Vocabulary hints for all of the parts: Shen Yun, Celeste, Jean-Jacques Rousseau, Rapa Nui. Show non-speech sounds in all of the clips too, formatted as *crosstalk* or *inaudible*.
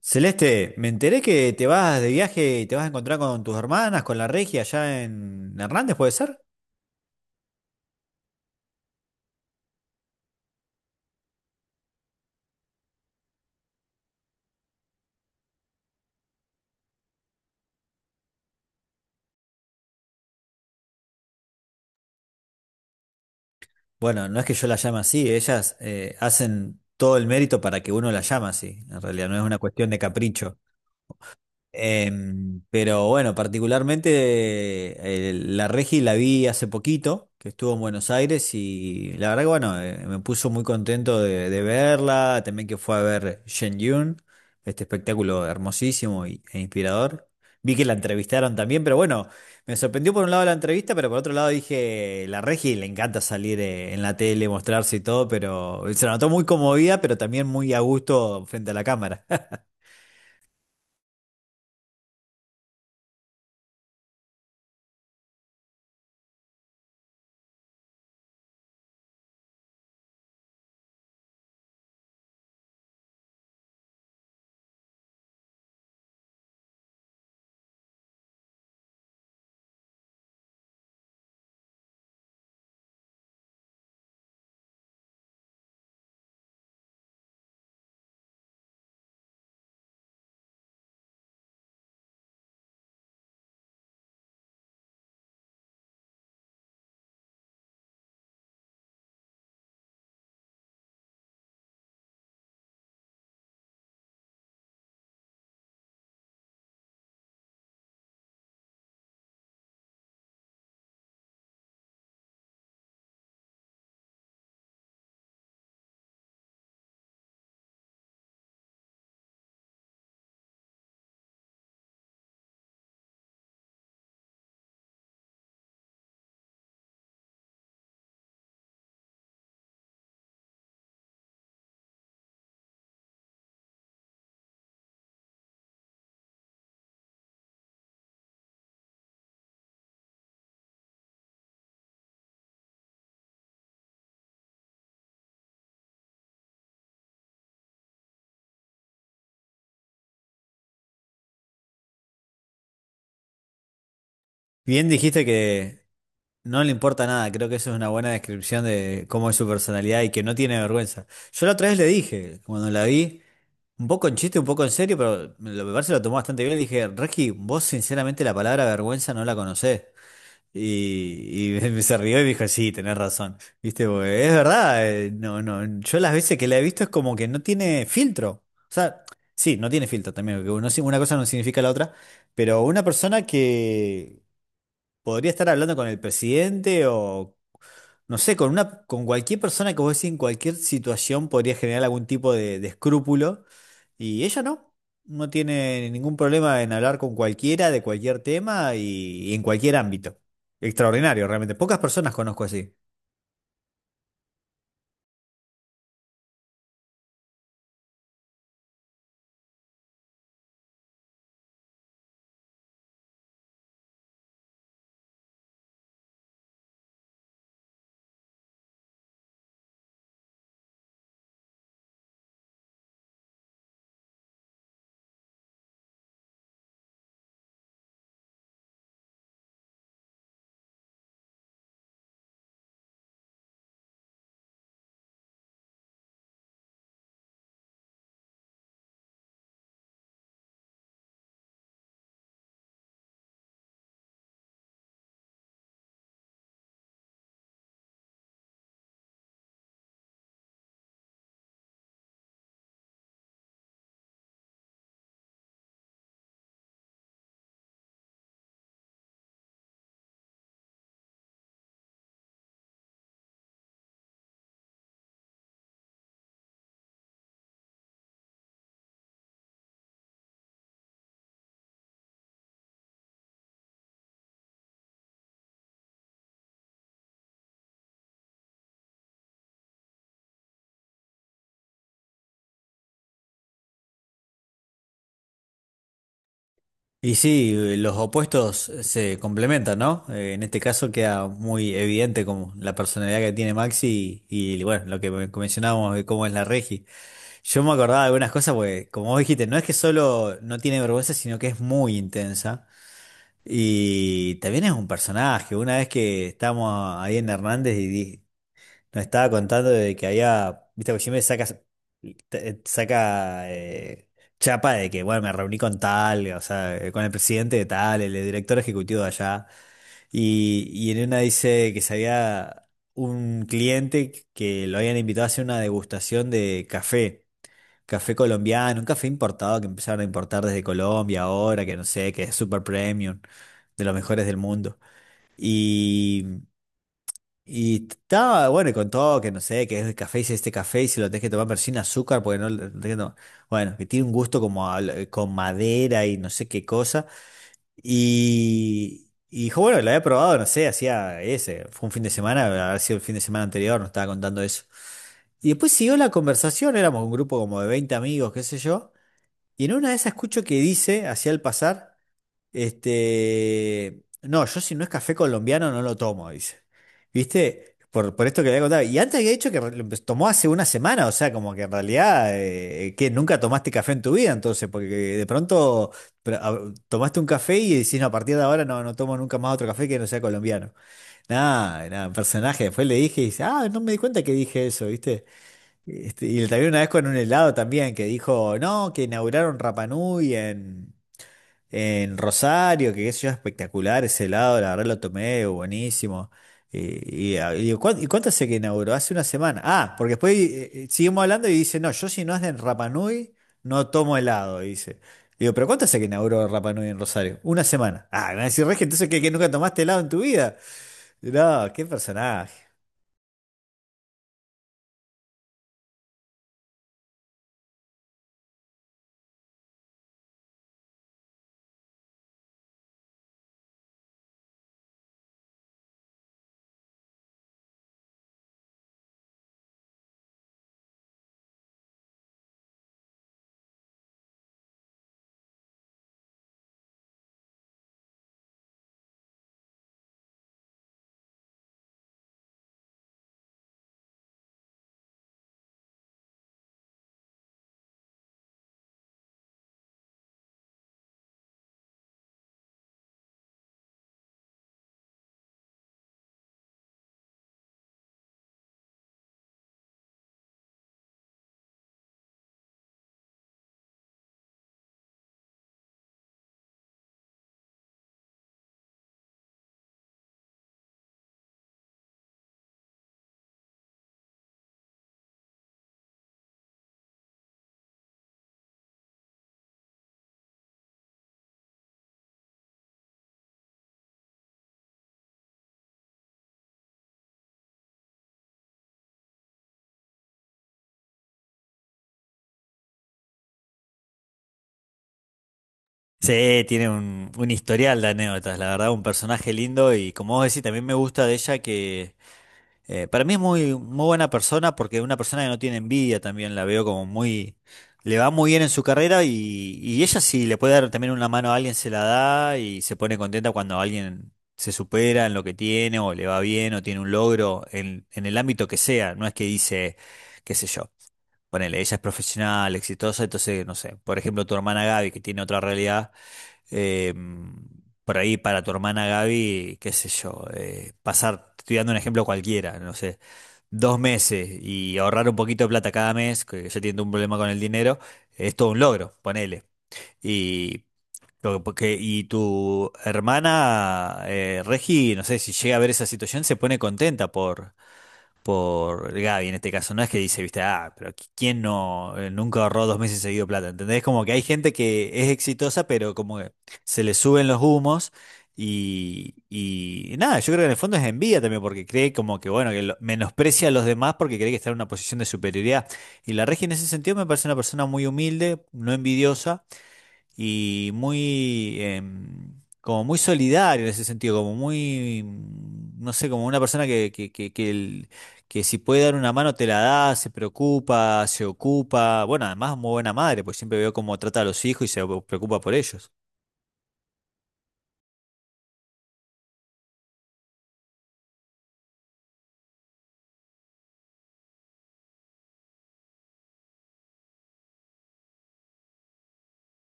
Celeste, me enteré que te vas de viaje y te vas a encontrar con tus hermanas, con la Regia allá en Hernández, ¿puede ser? Bueno, no es que yo la llame así, ellas hacen todo el mérito para que uno la llame así. En realidad no es una cuestión de capricho. Pero bueno, particularmente la Regi la vi hace poquito, que estuvo en Buenos Aires y la verdad que bueno, me puso muy contento de verla, también que fue a ver Shen Yun, este espectáculo hermosísimo e inspirador. Vi que la entrevistaron también, pero bueno, me sorprendió por un lado la entrevista, pero por otro lado dije, la Regi le encanta salir en la tele, mostrarse y todo, pero se la notó muy conmovida, pero también muy a gusto frente a la cámara. *laughs* Bien dijiste que no le importa nada, creo que eso es una buena descripción de cómo es su personalidad y que no tiene vergüenza. Yo la otra vez le dije, cuando la vi, un poco en chiste, un poco en serio, pero me parece que lo tomó bastante bien, le dije, Regi, vos sinceramente la palabra vergüenza no la conocés. Y *laughs* se rió y me dijo, sí, tenés razón. Viste, porque es verdad, no, no, yo las veces que la he visto es como que no tiene filtro. O sea, sí, no tiene filtro también, porque una cosa no significa la otra. Pero una persona que podría estar hablando con el presidente o, no sé, con una, con cualquier persona que vos decís en cualquier situación podría generar algún tipo de escrúpulo. Y ella no, no tiene ningún problema en hablar con cualquiera de cualquier tema y en cualquier ámbito. Extraordinario, realmente. Pocas personas conozco así. Y sí, los opuestos se complementan, ¿no? En este caso queda muy evidente como la personalidad que tiene Maxi bueno, lo que mencionábamos de cómo es la Regi. Yo me acordaba de algunas cosas porque, como vos dijiste, no es que solo no tiene vergüenza, sino que es muy intensa. Y también es un personaje. Una vez que estábamos ahí en Hernández y nos estaba contando de que había, viste, porque siempre saca, saca chapa de que, bueno, me reuní con tal, o sea, con el presidente de tal, el director ejecutivo de allá. Y en una dice que se había un cliente que lo habían invitado a hacer una degustación de café. Café colombiano, un café importado que empezaron a importar desde Colombia ahora, que no sé, que es super premium, de los mejores del mundo. Y, y estaba, bueno, y con todo, que no sé, que es el café, si este café, y si lo tenés que tomar, pero sin azúcar, porque no lo tenés que tomar. Bueno, que tiene un gusto con madera y no sé qué cosa. Y dijo, bueno, lo había probado, no sé, hacía ese, fue un fin de semana, habrá sido el fin de semana anterior, nos estaba contando eso. Y después siguió la conversación, éramos un grupo como de 20 amigos, qué sé yo. Y en una de esas escucho que dice, hacia el pasar, este, no, yo si no es café colombiano no lo tomo, dice. ¿Viste? Por esto que le había contado. Y antes había dicho que tomó hace una semana, o sea, como que en realidad, que nunca tomaste café en tu vida, entonces, porque de pronto pero, tomaste un café y decís, no, a partir de ahora no, no tomo nunca más otro café que no sea colombiano. Nada, nada, un personaje. Después le dije y dice, ah, no me di cuenta que dije eso, ¿viste? Este, y le también una vez con un helado también, que dijo, no, que inauguraron Rapa Nui en Rosario, que qué sé yo, espectacular ese helado, la verdad lo tomé, buenísimo. Y digo, "¿Cuán- ¿y cuánto hace que inauguró? Hace una semana. Ah, porque después seguimos hablando y dice, no, yo si no es de Rapa Nui, no tomo helado, dice. Digo, pero ¿cuánto hace que inauguró Rapa Nui en Rosario? Una semana. Ah, me va a decir, Regi, entonces ¿qué, que, nunca tomaste helado en tu vida. No, qué personaje. Sí, tiene un historial de anécdotas, la verdad, un personaje lindo y como vos decís, también me gusta de ella que para mí es muy buena persona porque es una persona que no tiene envidia también, la veo como muy, le va muy bien en su carrera y ella si le puede dar también una mano a alguien se la da y se pone contenta cuando alguien se supera en lo que tiene o le va bien o tiene un logro en el ámbito que sea, no es que dice, qué sé yo, ponele, ella es profesional, exitosa, entonces, no sé, por ejemplo, tu hermana Gaby que tiene otra realidad eh, por ahí para tu hermana Gaby, qué sé yo, pasar, te estoy dando un ejemplo cualquiera, no sé, dos meses y ahorrar un poquito de plata cada mes, que ya tiene un problema con el dinero, es todo un logro, ponele. Y, lo porque, y tu hermana Regi, no sé, si llega a ver esa situación, se pone contenta por Gaby en este caso. No es que dice, viste, ah, pero ¿quién no nunca ahorró dos meses seguido plata? ¿Entendés? Como que hay gente que es exitosa, pero como que se le suben los humos. Y nada, yo creo que en el fondo es envidia también, porque cree como que, bueno, menosprecia a los demás porque cree que está en una posición de superioridad. Y la Regi en ese sentido me parece una persona muy humilde, no envidiosa y muy, como muy solidario en ese sentido, como muy, no sé, como una persona que que si puede dar una mano te la da, se preocupa, se ocupa. Bueno, además muy buena madre, pues siempre veo cómo trata a los hijos y se preocupa por ellos.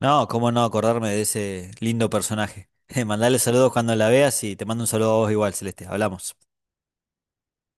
No, cómo no acordarme de ese lindo personaje. *laughs* Mandale saludos cuando la veas y te mando un saludo a vos igual, Celeste. Hablamos.